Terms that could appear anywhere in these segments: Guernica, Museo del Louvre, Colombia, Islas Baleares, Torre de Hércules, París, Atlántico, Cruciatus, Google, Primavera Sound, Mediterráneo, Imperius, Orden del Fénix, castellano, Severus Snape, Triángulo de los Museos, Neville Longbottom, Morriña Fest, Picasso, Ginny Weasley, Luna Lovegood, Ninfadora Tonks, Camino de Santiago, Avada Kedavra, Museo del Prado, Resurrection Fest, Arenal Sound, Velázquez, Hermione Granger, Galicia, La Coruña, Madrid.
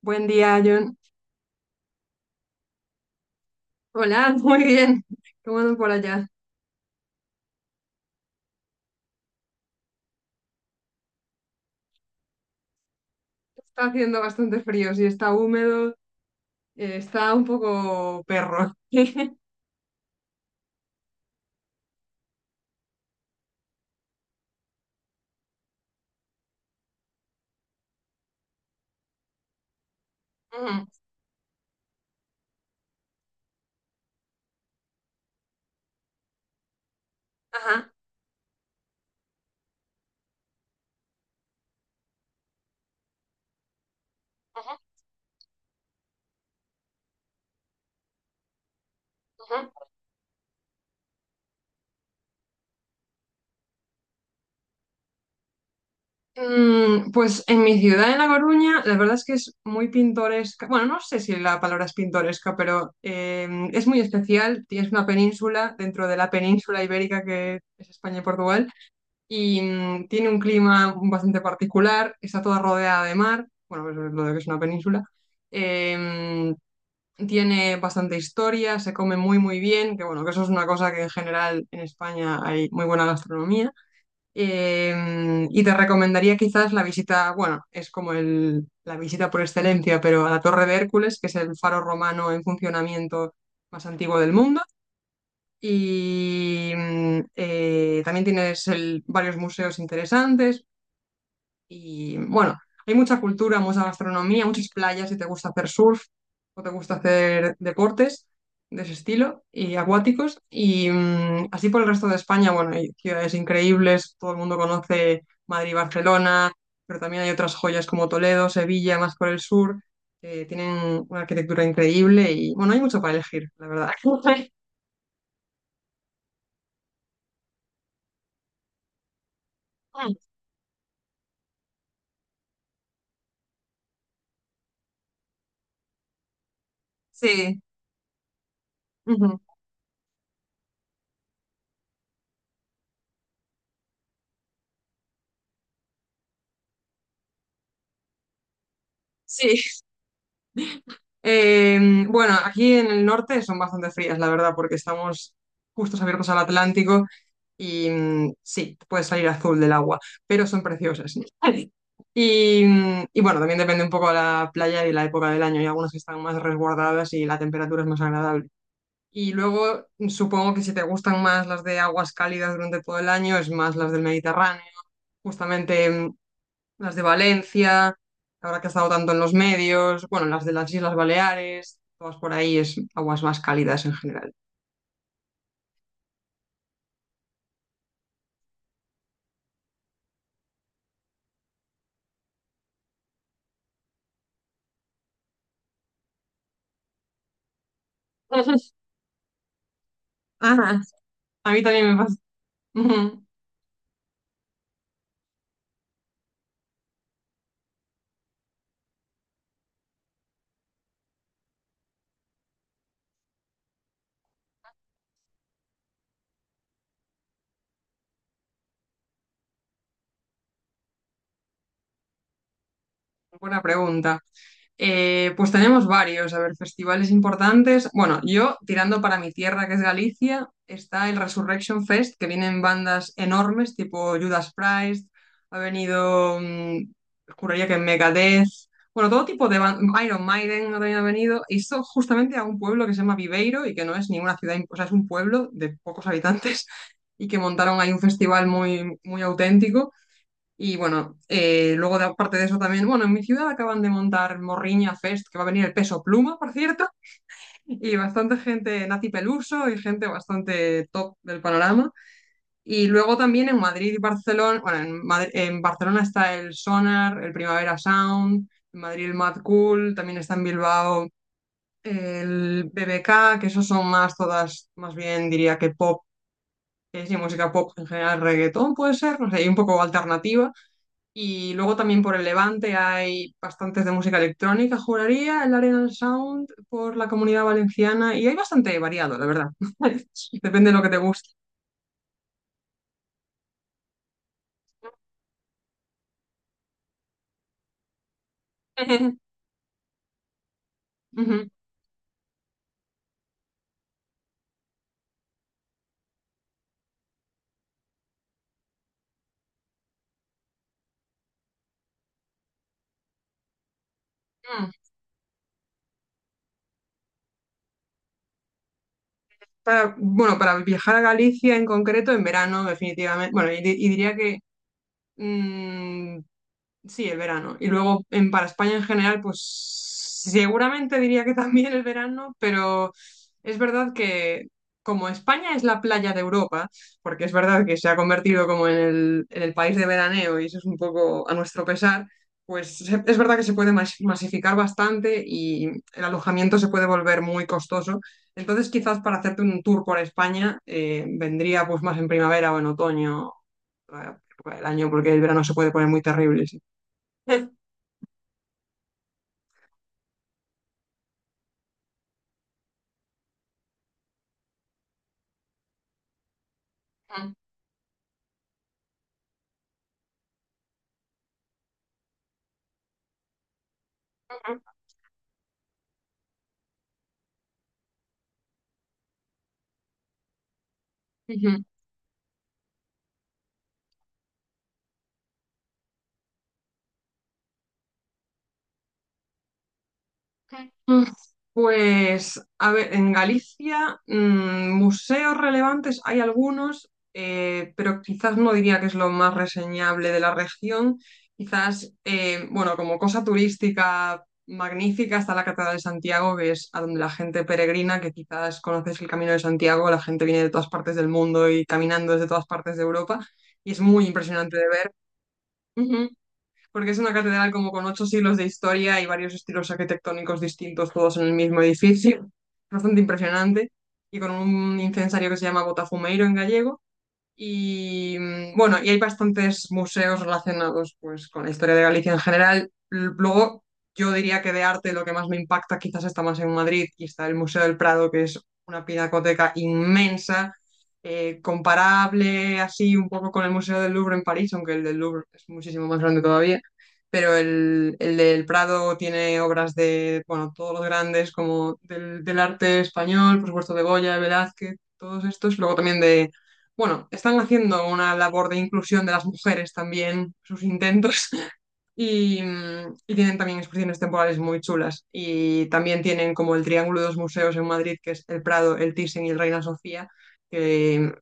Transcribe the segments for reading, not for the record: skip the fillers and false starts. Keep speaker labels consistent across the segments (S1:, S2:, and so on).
S1: Buen día, John. Hola, muy bien. ¿Cómo andan por allá? Está haciendo bastante frío, sí, está húmedo, está un poco perro. Ujú. Ajá, ujú, ujú. Pues en mi ciudad, en La Coruña, la verdad es que es muy pintoresca. Bueno, no sé si la palabra es pintoresca, pero es muy especial. Tienes una península dentro de la península ibérica que es España y Portugal. Y tiene un clima bastante particular, está toda rodeada de mar, bueno, eso es lo de que es una península, eh, tiene bastante historia, se come muy muy bien, que bueno, que eso es una cosa que en general en España hay muy buena gastronomía. Y te recomendaría quizás la visita, bueno, es como la visita por excelencia, pero a la Torre de Hércules, que es el faro romano en funcionamiento más antiguo del mundo y también tienes varios museos interesantes y bueno, hay mucha cultura, mucha gastronomía, muchas playas si te gusta hacer surf o te gusta hacer deportes de ese estilo y acuáticos y así por el resto de España, bueno, hay ciudades increíbles, todo el mundo conoce Madrid y Barcelona, pero también hay otras joyas como Toledo, Sevilla, más por el sur, que tienen una arquitectura increíble y bueno, hay mucho para elegir, la verdad. Sí. Ujú. Sí, bueno, aquí en el norte son bastante frías, la verdad, porque estamos justos abiertos al Atlántico y sí, puede salir azul del agua, pero son preciosas. Y, y bueno, también depende un poco de la playa y la época del año. Hay algunas que están más resguardadas y la temperatura es más agradable. Y luego supongo que si te gustan más las de aguas cálidas durante todo el año, es más las del Mediterráneo. Justamente las de Valencia, ahora que ha estado tanto en los medios, bueno, las de las Islas Baleares, todas por ahí es aguas más cálidas en general. Ajá. A mí también me pasa. Buena pregunta. Pues tenemos varios, a ver, festivales importantes. Bueno, yo tirando para mi tierra, que es Galicia, está el Resurrection Fest, que vienen bandas enormes, tipo Judas Priest, ha venido, juraría que Megadeth, bueno, todo tipo de Iron Maiden también ha venido, y esto justamente a un pueblo que se llama Viveiro y que no es ninguna ciudad, o sea, es un pueblo de pocos habitantes y que montaron ahí un festival muy, muy auténtico. Y bueno, luego de, aparte de eso también, bueno, en mi ciudad acaban de montar Morriña Fest, que va a venir el peso pluma, por cierto, y bastante gente nazi peluso y gente bastante top del panorama. Y luego también en Madrid y Barcelona, bueno, en Barcelona está el Sonar, el Primavera Sound, en Madrid el Mad Cool, también está en Bilbao el BBK, que esos son más todas, más bien diría que pop, es y música pop en general, reggaetón puede ser, no sé, y un poco alternativa. Y luego también por el Levante hay bastantes de música electrónica, juraría, el Arenal Sound por la comunidad valenciana y hay bastante variado, la verdad. Depende de lo que te guste. Ujú. Mm. Para, bueno, para viajar a Galicia en concreto, en verano, definitivamente. Bueno, y diría que mm, sí, el verano. Y luego en, para España en general, pues seguramente diría que también el verano, pero es verdad que como España es la playa de Europa, porque es verdad que se ha convertido como en en el país de veraneo y eso es un poco a nuestro pesar, pues es verdad que se puede masificar bastante y el alojamiento se puede volver muy costoso. Entonces quizás para hacerte un tour por España vendría pues más en primavera o en otoño, eh, el año, porque el verano se puede poner muy terrible. Sí. Ujú. Mm, Pues, a ver, en Galicia, museos relevantes hay algunos, pero quizás no diría que es lo más reseñable de la región. Quizás, bueno, como cosa turística magnífica está la Catedral de Santiago, que es a donde la gente peregrina, que quizás conoces el Camino de Santiago, la gente viene de todas partes del mundo y caminando desde todas partes de Europa, y es muy impresionante de ver, porque es una catedral como con ocho siglos de historia y varios estilos arquitectónicos distintos, todos en el mismo edificio, bastante impresionante, y con un incensario que se llama Botafumeiro en gallego y bueno, y hay bastantes museos relacionados pues, con la historia de Galicia en general. Luego, yo diría que de arte lo que más me impacta quizás está más en Madrid y está el Museo del Prado, que es una pinacoteca inmensa, comparable así un poco con el Museo del Louvre en París, aunque el del Louvre es muchísimo más grande todavía. Pero el del Prado tiene obras de, bueno, todos los grandes como del arte español, por supuesto de Goya, de Velázquez, todos estos. Luego también de bueno, están haciendo una labor de inclusión de las mujeres también, sus intentos, y, y, tienen también exposiciones temporales muy chulas. Y también tienen como el Triángulo de los Museos en Madrid, que es el Prado, el Thyssen y el Reina Sofía, que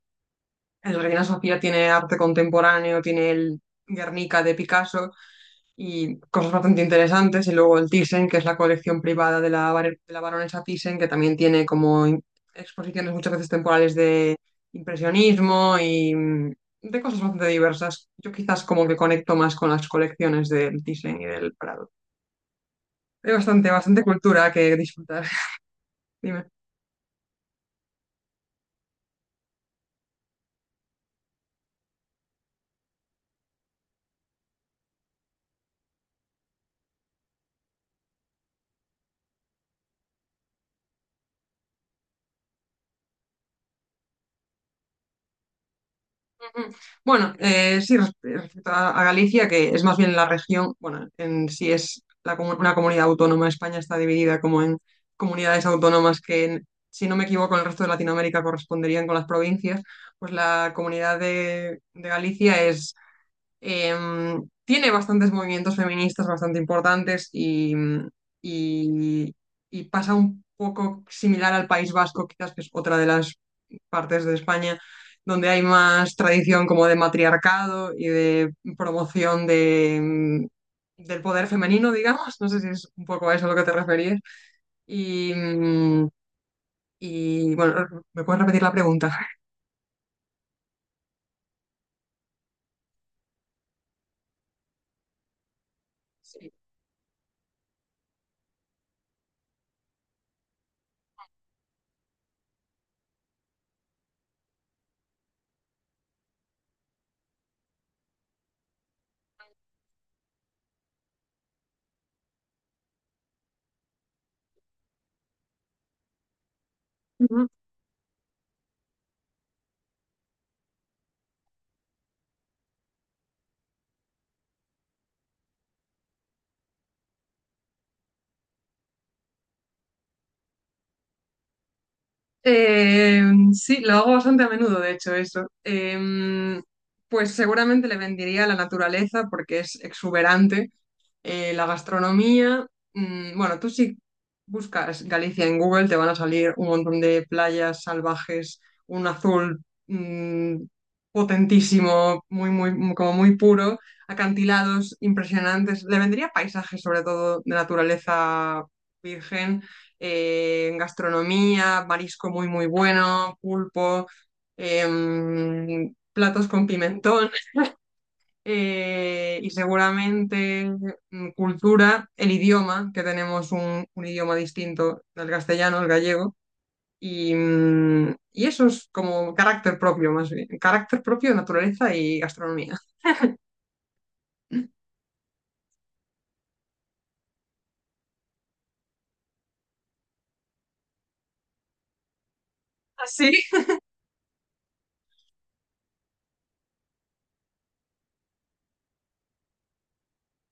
S1: el Reina Sofía tiene arte contemporáneo, tiene el Guernica de Picasso y cosas bastante interesantes. Y luego el Thyssen, que es la colección privada de de la baronesa Thyssen, que también tiene como exposiciones muchas veces temporales de impresionismo y de cosas bastante diversas. Yo quizás como que conecto más con las colecciones del Thyssen y del Prado. Hay bastante, bastante cultura que disfrutar. Dime. Mm. Bueno, sí, respecto a Galicia, que es más bien la región, bueno, en sí es la una comunidad autónoma, España está dividida como en comunidades autónomas que, si no me equivoco, en el resto de Latinoamérica corresponderían con las provincias, pues la comunidad de Galicia es, tiene bastantes movimientos feministas bastante importantes y, y pasa un poco similar al País Vasco, quizás que es otra de las partes de España donde hay más tradición como de matriarcado y de promoción de, del poder femenino, digamos. No sé si es un poco a eso a lo que te referías. Y, y bueno, ¿me puedes repetir la pregunta? Sí. Ujú. Eh, sí, lo hago bastante a menudo, de hecho, eso. Pues seguramente le vendería la naturaleza porque es exuberante, la gastronomía. Bueno, tú si buscas Galicia en Google te van a salir un montón de playas salvajes, un azul mm, potentísimo, muy, muy, como muy puro, acantilados impresionantes. Le vendría paisajes sobre todo de naturaleza virgen, gastronomía, marisco muy, muy bueno, pulpo, platos con pimentón, y seguramente cultura, el idioma, que tenemos un idioma distinto del castellano, el gallego, y, y eso es como carácter propio, más bien, carácter propio, naturaleza y gastronomía. ¿Así?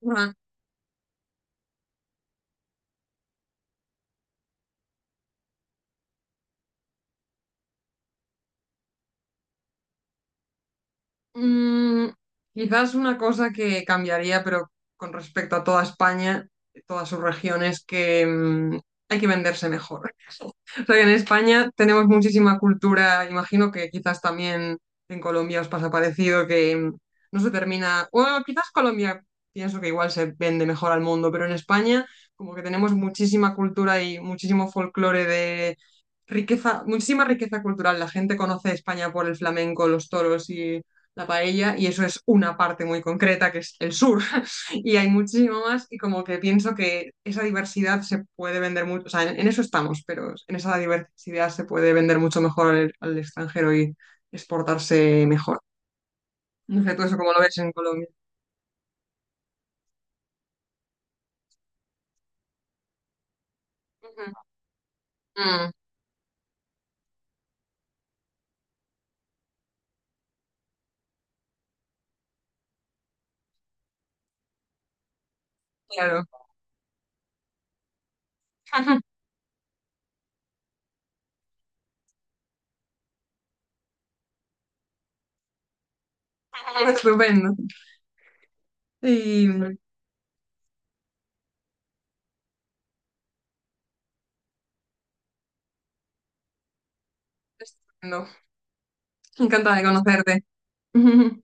S1: Ajá. Mm, quizás una cosa que cambiaría, pero con respecto a toda España, todas sus regiones, que hay que venderse mejor. O sea, que en España tenemos muchísima cultura, imagino que quizás también en Colombia os pasa parecido, que no se termina, bueno, quizás Colombia pienso que igual se vende mejor al mundo, pero en España como que tenemos muchísima cultura y muchísimo folclore de riqueza, muchísima riqueza cultural. La gente conoce España por el flamenco, los toros y la paella, y eso es una parte muy concreta que es el sur y hay muchísimo más y como que pienso que esa diversidad se puede vender mucho, o sea, en eso estamos, pero en esa diversidad se puede vender mucho mejor al extranjero y exportarse mejor. No sé, tú eso como lo ves en Colombia. Ujú. Mm, claro. Estupendo. Y estupendo. Encantada de conocerte.